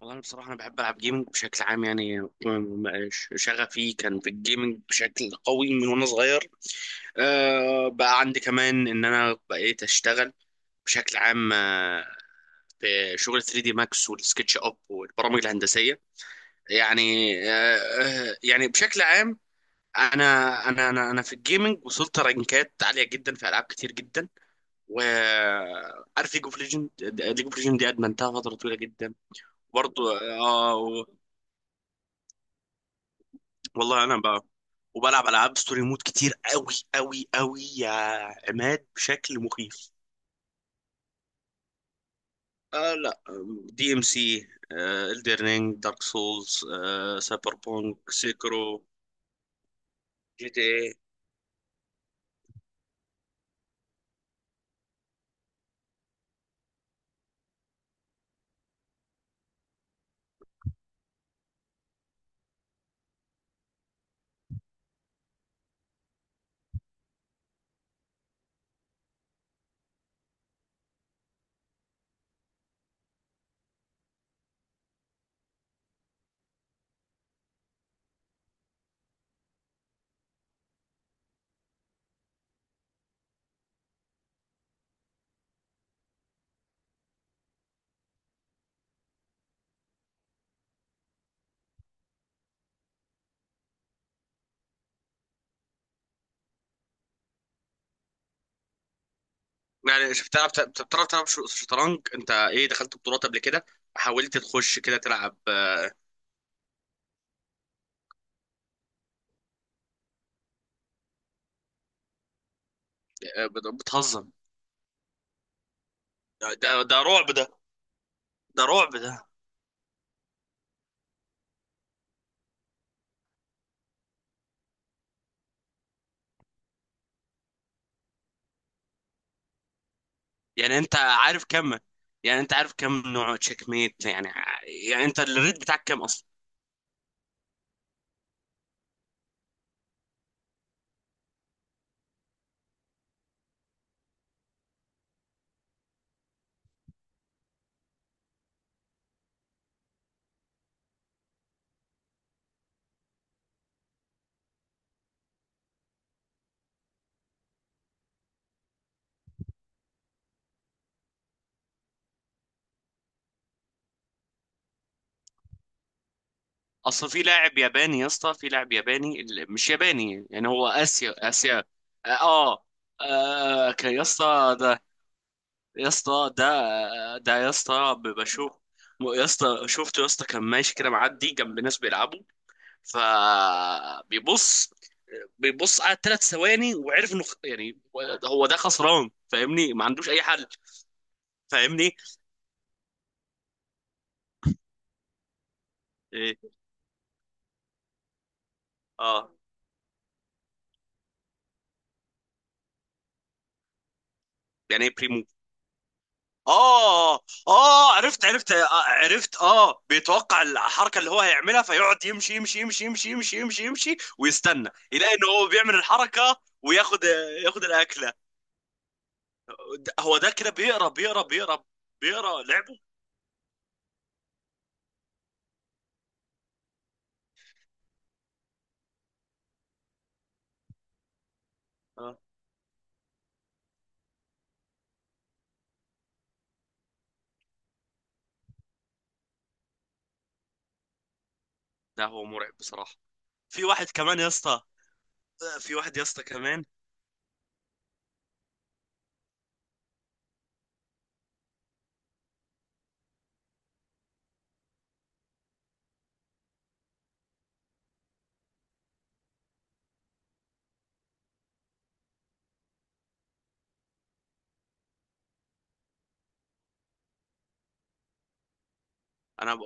والله أنا بصراحة أنا بحب ألعب جيمنج بشكل عام يعني شغفي كان في الجيمنج بشكل قوي من وأنا صغير. بقى عندي كمان إن أنا بقيت أشتغل بشكل عام، في شغل 3 دي ماكس والسكتش أب والبرامج الهندسية يعني. أه آه، يعني بشكل عام، أنا أنا في الجيمنج وصلت رانكات عالية جدا في ألعاب كتير جدا. وعارف ليج اوف ليجند، ليج اوف ليجند دي ادمنتها فتره طويله جدا. برضه اه. والله انا بقى وبلعب العاب ستوري مود كتير قوي، قوي قوي يا عماد، بشكل مخيف. آه لا، دي ام سي، الدرنينج، دارك سولز، سايبر بونك، سيكرو، جي تي اي. يعني شفت، بتعرف تلعب شطرنج، انت ايه؟ دخلت بطولات قبل كده؟ حاولت تخش كده تلعب؟ آه، بتهزم. ده ده رعب ده، ده رعب ده. يعني انت عارف كم يعني انت عارف كم نوع تشيك ميت يعني، يعني انت الريت بتاعك كام اصلا؟ اصل في لاعب ياباني يا اسطى، في لاعب ياباني، مش ياباني يعني، هو اسيا اسيا. اه اه، كان يا اسطى ده، يا اسطى ده، آه، ده يا اسطى بشوف. يا اسطى شفته يا اسطى، كان ماشي كده معدي جنب ناس بيلعبوا، فبيبص، على ثلاث ثواني وعرف انه يعني هو ده خسران، فاهمني، ما عندوش اي حل. فاهمني، إيه، اه. يعني ايه بريمو؟ اه، اه، عرفت، عرفت، بيتوقع الحركه اللي هو هيعملها، فيقعد يمشي يمشي يمشي يمشي يمشي يمشي يمشي ويستنى يلاقي ان هو بيعمل الحركه وياخد، ياخد الاكله. هو ده كده بيقرا لعبه. اه ده هو مرعب بصراحه. في واحد كمان يا اسطى، في واحد يا اسطى كمان. انا ب...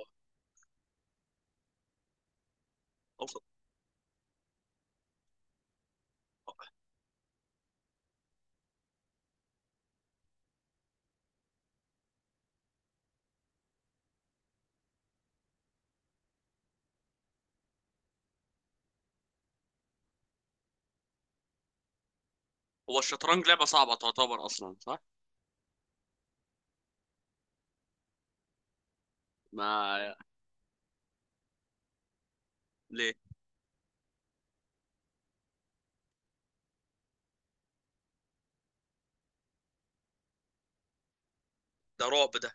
هو الشطرنج لعبه صعبه تعتبر اصلا، صح؟ ما ليه؟ ده رعب ده.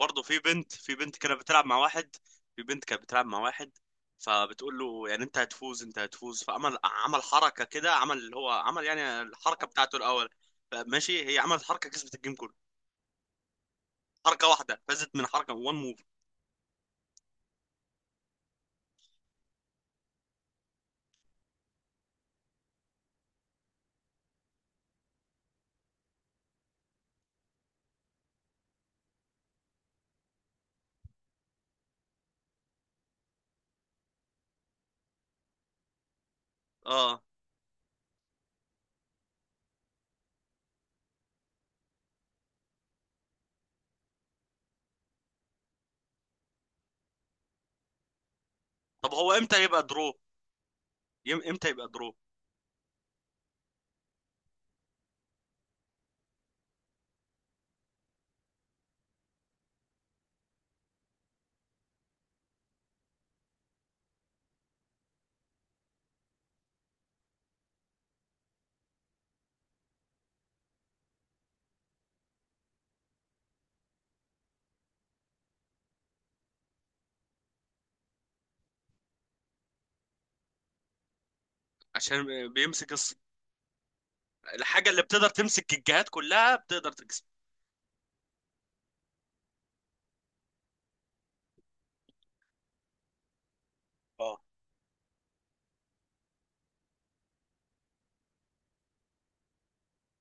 برضه في بنت كانت بتلعب مع واحد، في بنت كانت بتلعب مع واحد، فبتقول له يعني انت هتفوز، انت هتفوز. فعمل، عمل حركه كده، عمل اللي هو عمل، يعني الحركه بتاعته الاول. ماشي، هي عملت حركه كسبت الجيم كله، حركه واحده فازت من حركه، وان موف. اه. طب هو امتى يبقى درو؟ امتى يبقى درو؟ عشان بيمسك الص... الحاجه اللي بتقدر تمسك الجهات كلها بتقدر تكسب. اه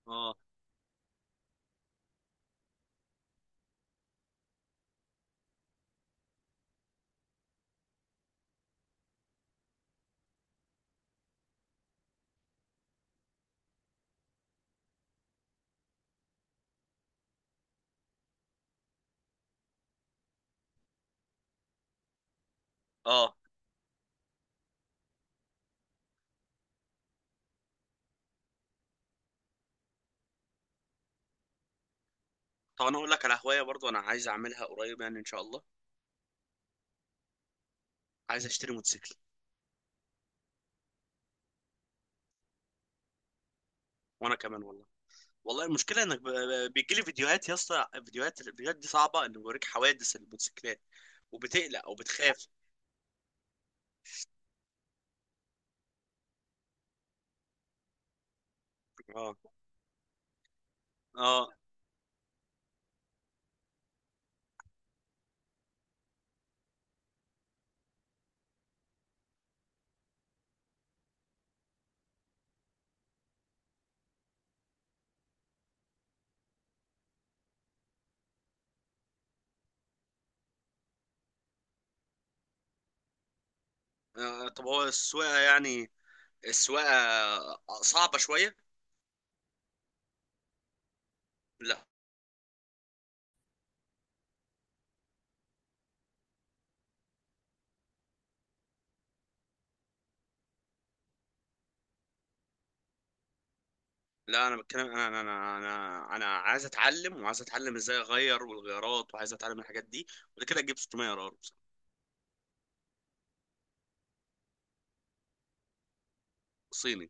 اه اه. طب انا اقول لك على هوايه برضو، انا عايز اعملها قريب يعني ان شاء الله، عايز اشتري موتوسيكل. وانا كمان والله. والله المشكله انك بيجي لي فيديوهات يا اسطى، فيديوهات، الفيديوهات دي صعبه، انه بيوريك حوادث الموتوسيكلات، وبتقلق او بتخاف. اه، اه، طب هو السواقه يعني، السواقه صعبه شويه. لا لا، انا بتكلم، انا انا انا انا أنا عايز اتعلم، وعايز اتعلم ازاي اغير والغيارات، وعايز اتعلم الحاجات دي، وبعد كده اجيب 600 ار ار صيني.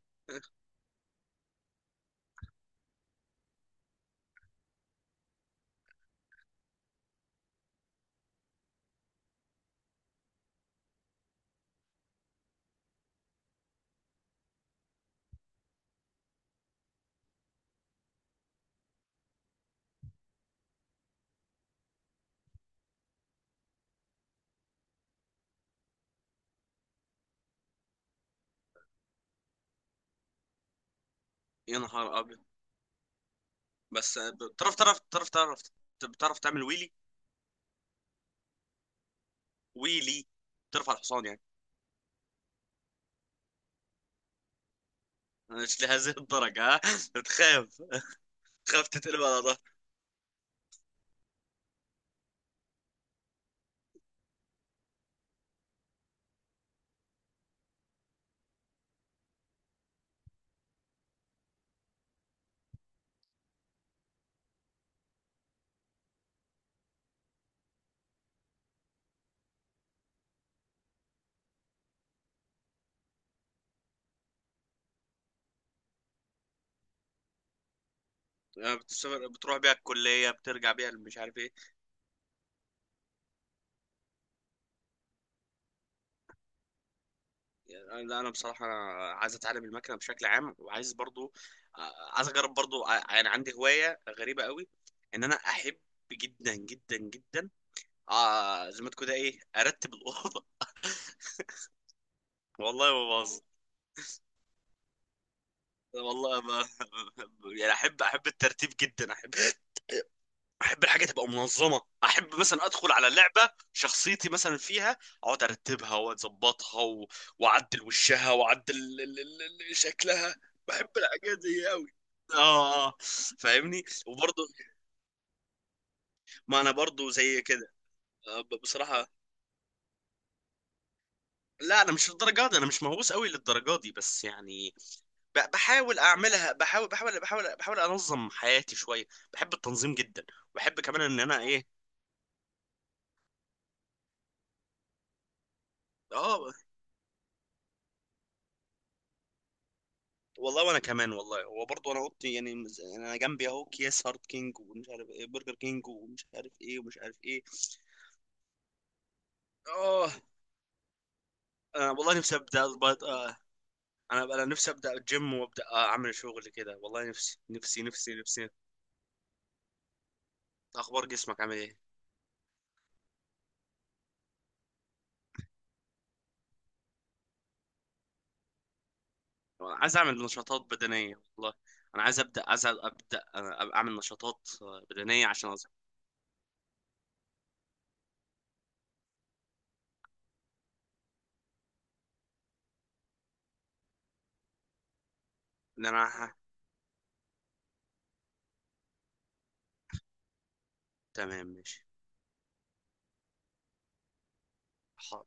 يا نهار ابيض. بس بتعرف، تعرف تعرف تعرف بتعرف تعمل ويلي؟ ويلي، بترفع الحصان يعني؟ مش لهذه الدرجة ها؟ بتخاف؟ تخاف تتقلب على ظهرك؟ يعني بتسافر، بتروح بيها الكلية، بترجع بيها، مش عارف ايه؟ يعني لا، انا بصراحة أنا عايز اتعلم المكنة بشكل عام، وعايز برضو، عايز اجرب برضو، يعني عندي هواية غريبة قوي، ان انا احب جدا جدا جدا، زي ما تكون ايه، ارتب الأوضة. والله ما بهزر. والله ما يعني احب الترتيب جدا، احب الحاجه تبقى منظمه، احب مثلا ادخل على لعبه شخصيتي مثلا فيها، اقعد ارتبها واظبطها واعدل وشها، واعدل شكلها. بحب الحاجات دي قوي. اه، آه. آه. فاهمني. وبرضه، ما انا برضه زي كده. بصراحه، لا انا مش للدرجه دي، انا مش مهووس قوي للدرجه دي، بس يعني بحاول اعملها، بحاول انظم حياتي شويه. بحب التنظيم جدا. وبحب كمان ان انا ايه. اه والله، وانا كمان والله، هو برضه انا اوضتي يعني، انا جنبي اهو اكياس هارت كينج ومش عارف ايه، برجر كينج، ومش عارف ايه، ومش عارف ايه. اه، انا والله نفسي ابدا بط... آه. انا نفسي ابدا الجيم، وابدا اعمل شغل كده. والله نفسي نفسي نفسي نفسي. اخبار جسمك عامل ايه؟ أنا عايز اعمل نشاطات بدنيه والله. انا عايز ابدا، عايز ابدا أنا اعمل نشاطات بدنيه عشان أظهر. ان انا ه- تمام ماشي ح-